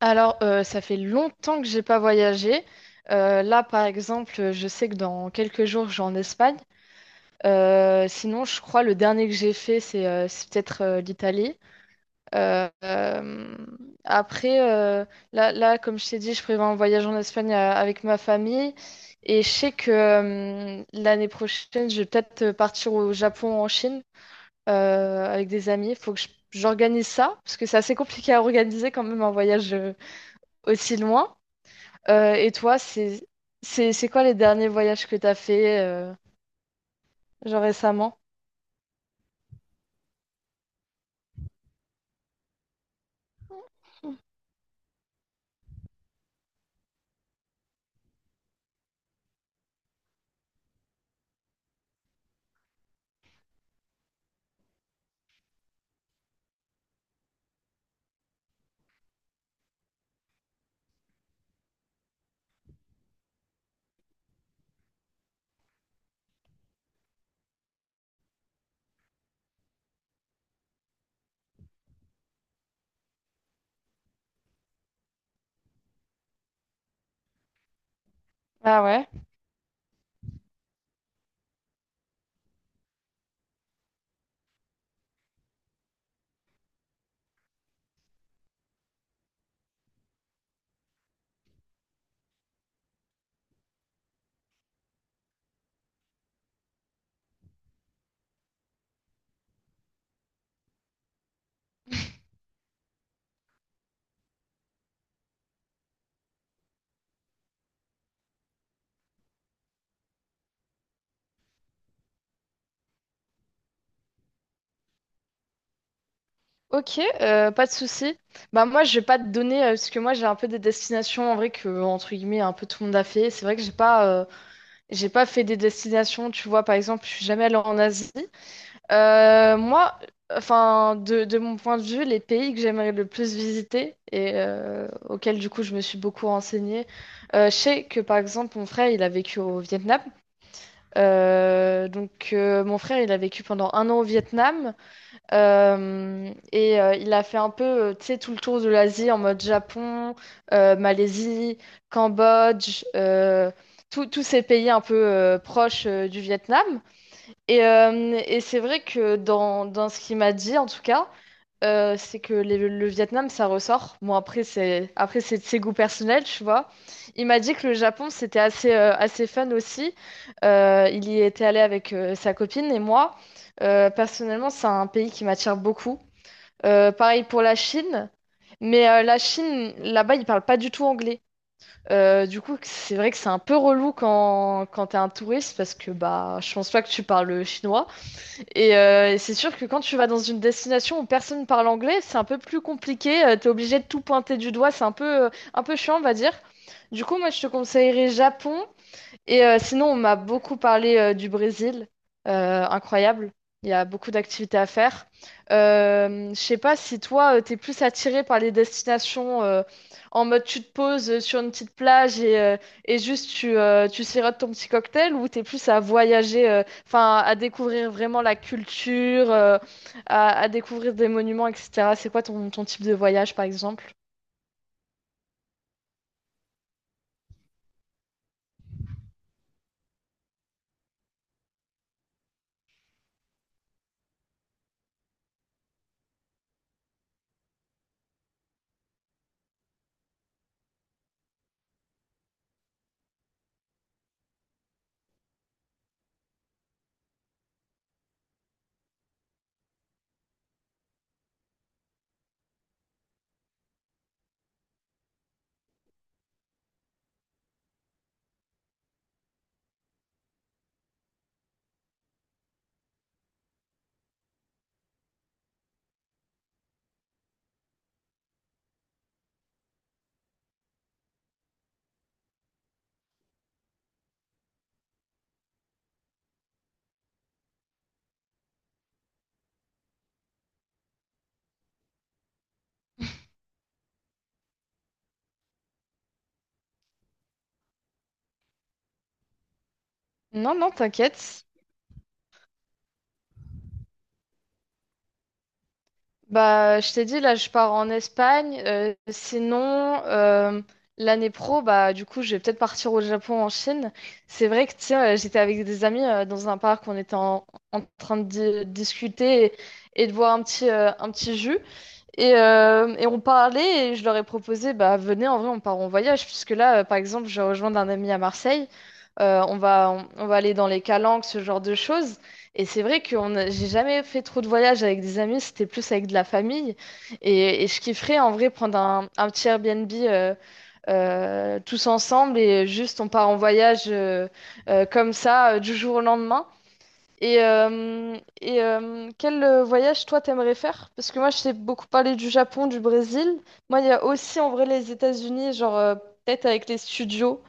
Ça fait longtemps que j'ai pas voyagé. Là, par exemple, je sais que dans quelques jours, je vais en Espagne. Sinon, je crois le dernier que j'ai fait, c'est peut-être l'Italie. Euh, euh, après, euh, là, comme je t'ai dit, je prévois un voyage en Espagne avec ma famille. Et je sais que l'année prochaine, je vais peut-être partir au Japon, en Chine, avec des amis. Il faut que j'organise ça, parce que c'est assez compliqué à organiser quand même un voyage aussi loin. Et toi, c'est quoi les derniers voyages que t'as fait genre récemment? Ah ouais. Ok, pas de souci. Bah moi, je vais pas te donner parce que moi j'ai un peu des destinations en vrai que entre guillemets un peu tout le monde a fait. C'est vrai que j'ai pas fait des destinations. Tu vois, par exemple, je suis jamais allée en Asie. Euh, moi, enfin de mon point de vue, les pays que j'aimerais le plus visiter et auxquels du coup je me suis beaucoup renseignée. Je sais que par exemple mon frère il a vécu au Vietnam. Mon frère, il a vécu pendant un an au Vietnam il a fait un peu, tu sais, tout le tour de l'Asie en mode Japon, Malaisie, Cambodge, tous ces pays un peu proches du Vietnam. Et c'est vrai que dans ce qu'il m'a dit, en tout cas, c'est que le Vietnam, ça ressort. Bon, après, c'est de ses goûts personnels, tu vois. Il m'a dit que le Japon, c'était assez, assez fun aussi. Il y était allé avec sa copine et moi. Personnellement, c'est un pays qui m'attire beaucoup. Pareil pour la Chine. Mais la Chine, là-bas, ils parlent pas du tout anglais. Du coup, c'est vrai que c'est un peu relou quand t'es un touriste parce que bah, je pense pas que tu parles chinois. C'est sûr que quand tu vas dans une destination où personne parle anglais, c'est un peu plus compliqué. T'es obligé de tout pointer du doigt. C'est un peu chiant, on va dire. Du coup, moi, je te conseillerais Japon et sinon, on m'a beaucoup parlé du Brésil. Incroyable. Il y a beaucoup d'activités à faire. Je sais pas si toi, tu t'es plus attiré par les destinations en mode tu te poses sur une petite plage et juste tu sirotes ton petit cocktail ou t'es plus à voyager, enfin à découvrir vraiment la culture, à découvrir des monuments, etc. C'est quoi ton type de voyage, par exemple? Non, non, t'inquiète. Bah, je t'ai dit, là, je pars en Espagne. L'année pro, bah, du coup, je vais peut-être partir au Japon, en Chine. C'est vrai que, tiens, j'étais avec des amis dans un parc, en train de discuter et de boire un petit jus. Et on parlait et je leur ai proposé, bah venez, en vrai, on part en voyage, puisque là, par exemple, je rejoins un ami à Marseille. On va aller dans les calanques, ce genre de choses. Et c'est vrai que j'ai jamais fait trop de voyages avec des amis, c'était plus avec de la famille. Et je kifferais en vrai prendre un petit Airbnb tous ensemble et juste on part en voyage comme ça du jour au lendemain. Et quel voyage toi t'aimerais faire? Parce que moi je t'ai beaucoup parlé du Japon, du Brésil. Moi il y a aussi en vrai les États-Unis, genre peut-être avec les studios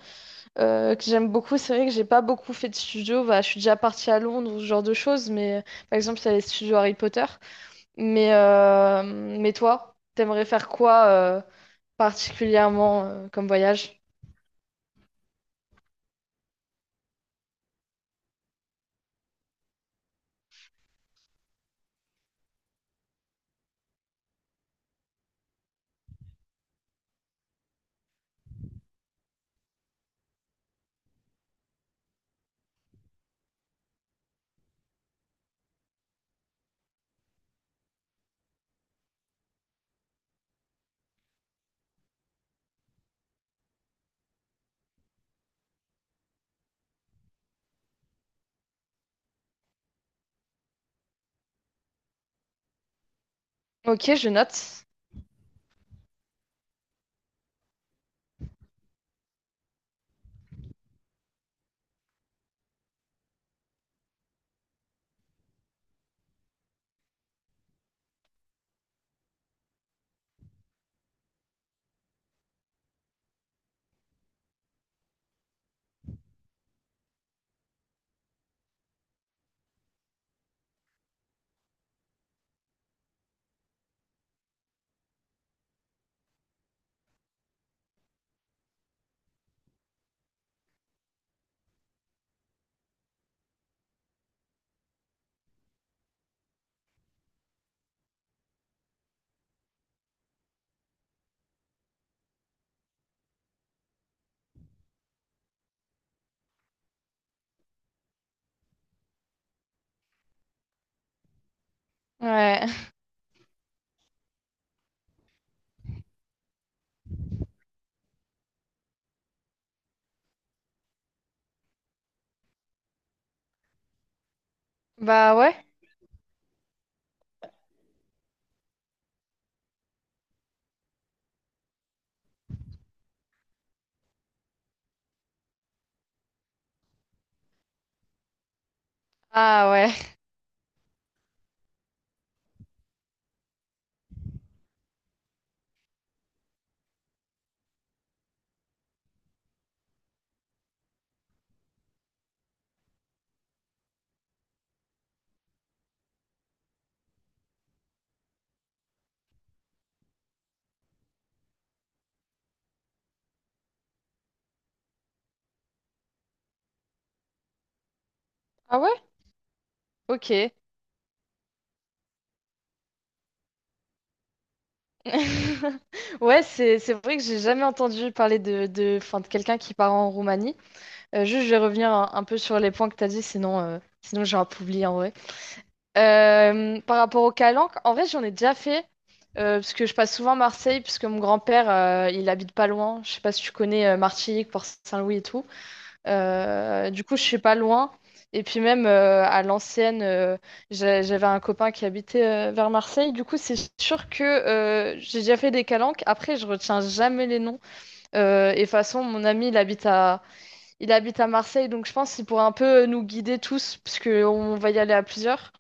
que j'aime beaucoup. C'est vrai que j'ai pas beaucoup fait de studios. Bah, je suis déjà partie à Londres ou ce genre de choses, mais par exemple il y a les studios Harry Potter. Mais, euh, mais toi, t'aimerais faire quoi particulièrement comme voyage? Ok, je note. Ouais. Bah ouais. Ah ouais. Ah ouais? Ok. Ouais, c'est vrai que j'ai jamais entendu parler enfin, de quelqu'un qui part en Roumanie. Juste, je vais revenir un peu sur les points que tu as dit, sinon, sinon j'ai un peu oublié en vrai. Par rapport au Calanque, en vrai, j'en ai déjà fait, parce que je passe souvent Marseille, puisque mon grand-père, il habite pas loin. Je sais pas si tu connais Martigues, Port-Saint-Louis et tout. Du coup, je suis pas loin. Et puis même à l'ancienne, j'avais un copain qui habitait vers Marseille. Du coup, c'est sûr que j'ai déjà fait des calanques. Après, je retiens jamais les noms. Et de toute façon, mon ami, il habite à Marseille, donc je pense qu'il pourra un peu nous guider tous, parce que on va y aller à plusieurs.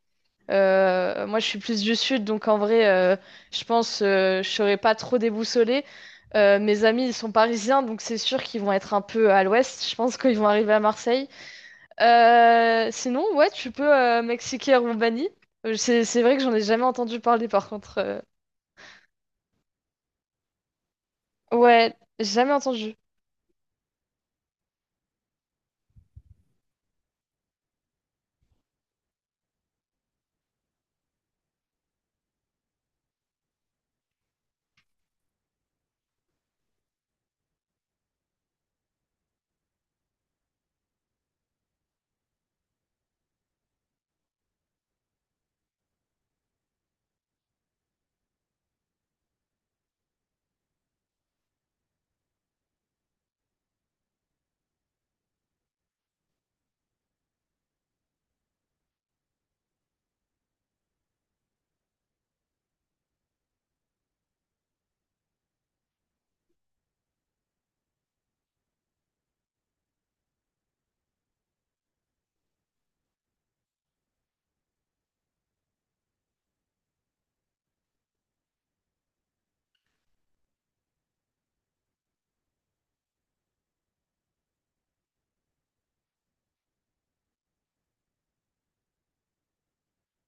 Moi, je suis plus du sud, donc en vrai, je pense je serai pas trop déboussolée. Mes amis, ils sont parisiens, donc c'est sûr qu'ils vont être un peu à l'ouest. Je pense qu'ils vont arriver à Marseille. Sinon, ouais, tu peux Mexique et Roumanie. C'est vrai que j'en ai jamais entendu parler par contre. Ouais, jamais entendu.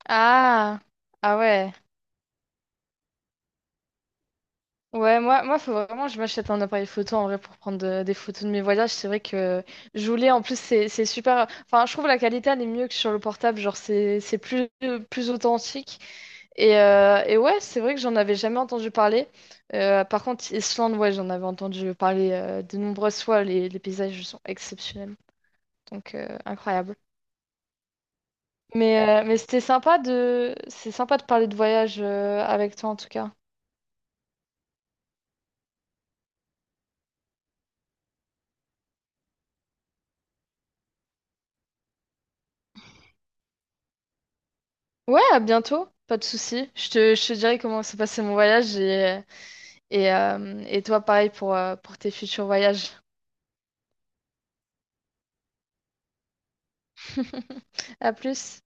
Ah, ah ouais. Moi, faut vraiment que je m'achète un appareil photo en vrai pour prendre des photos de mes voyages. C'est vrai que je voulais, en plus, c'est super. Enfin, je trouve la qualité elle est mieux que sur le portable. Genre, c'est plus authentique. Et ouais, c'est vrai que j'en avais jamais entendu parler. Par contre, Islande, ouais, j'en avais entendu parler de nombreuses fois. Les paysages sont exceptionnels, donc incroyable. Mais c'est sympa de parler de voyage avec toi en tout cas. Ouais, à bientôt, pas de souci. Je te dirai comment s'est passé mon voyage et toi pareil pour tes futurs voyages. À plus.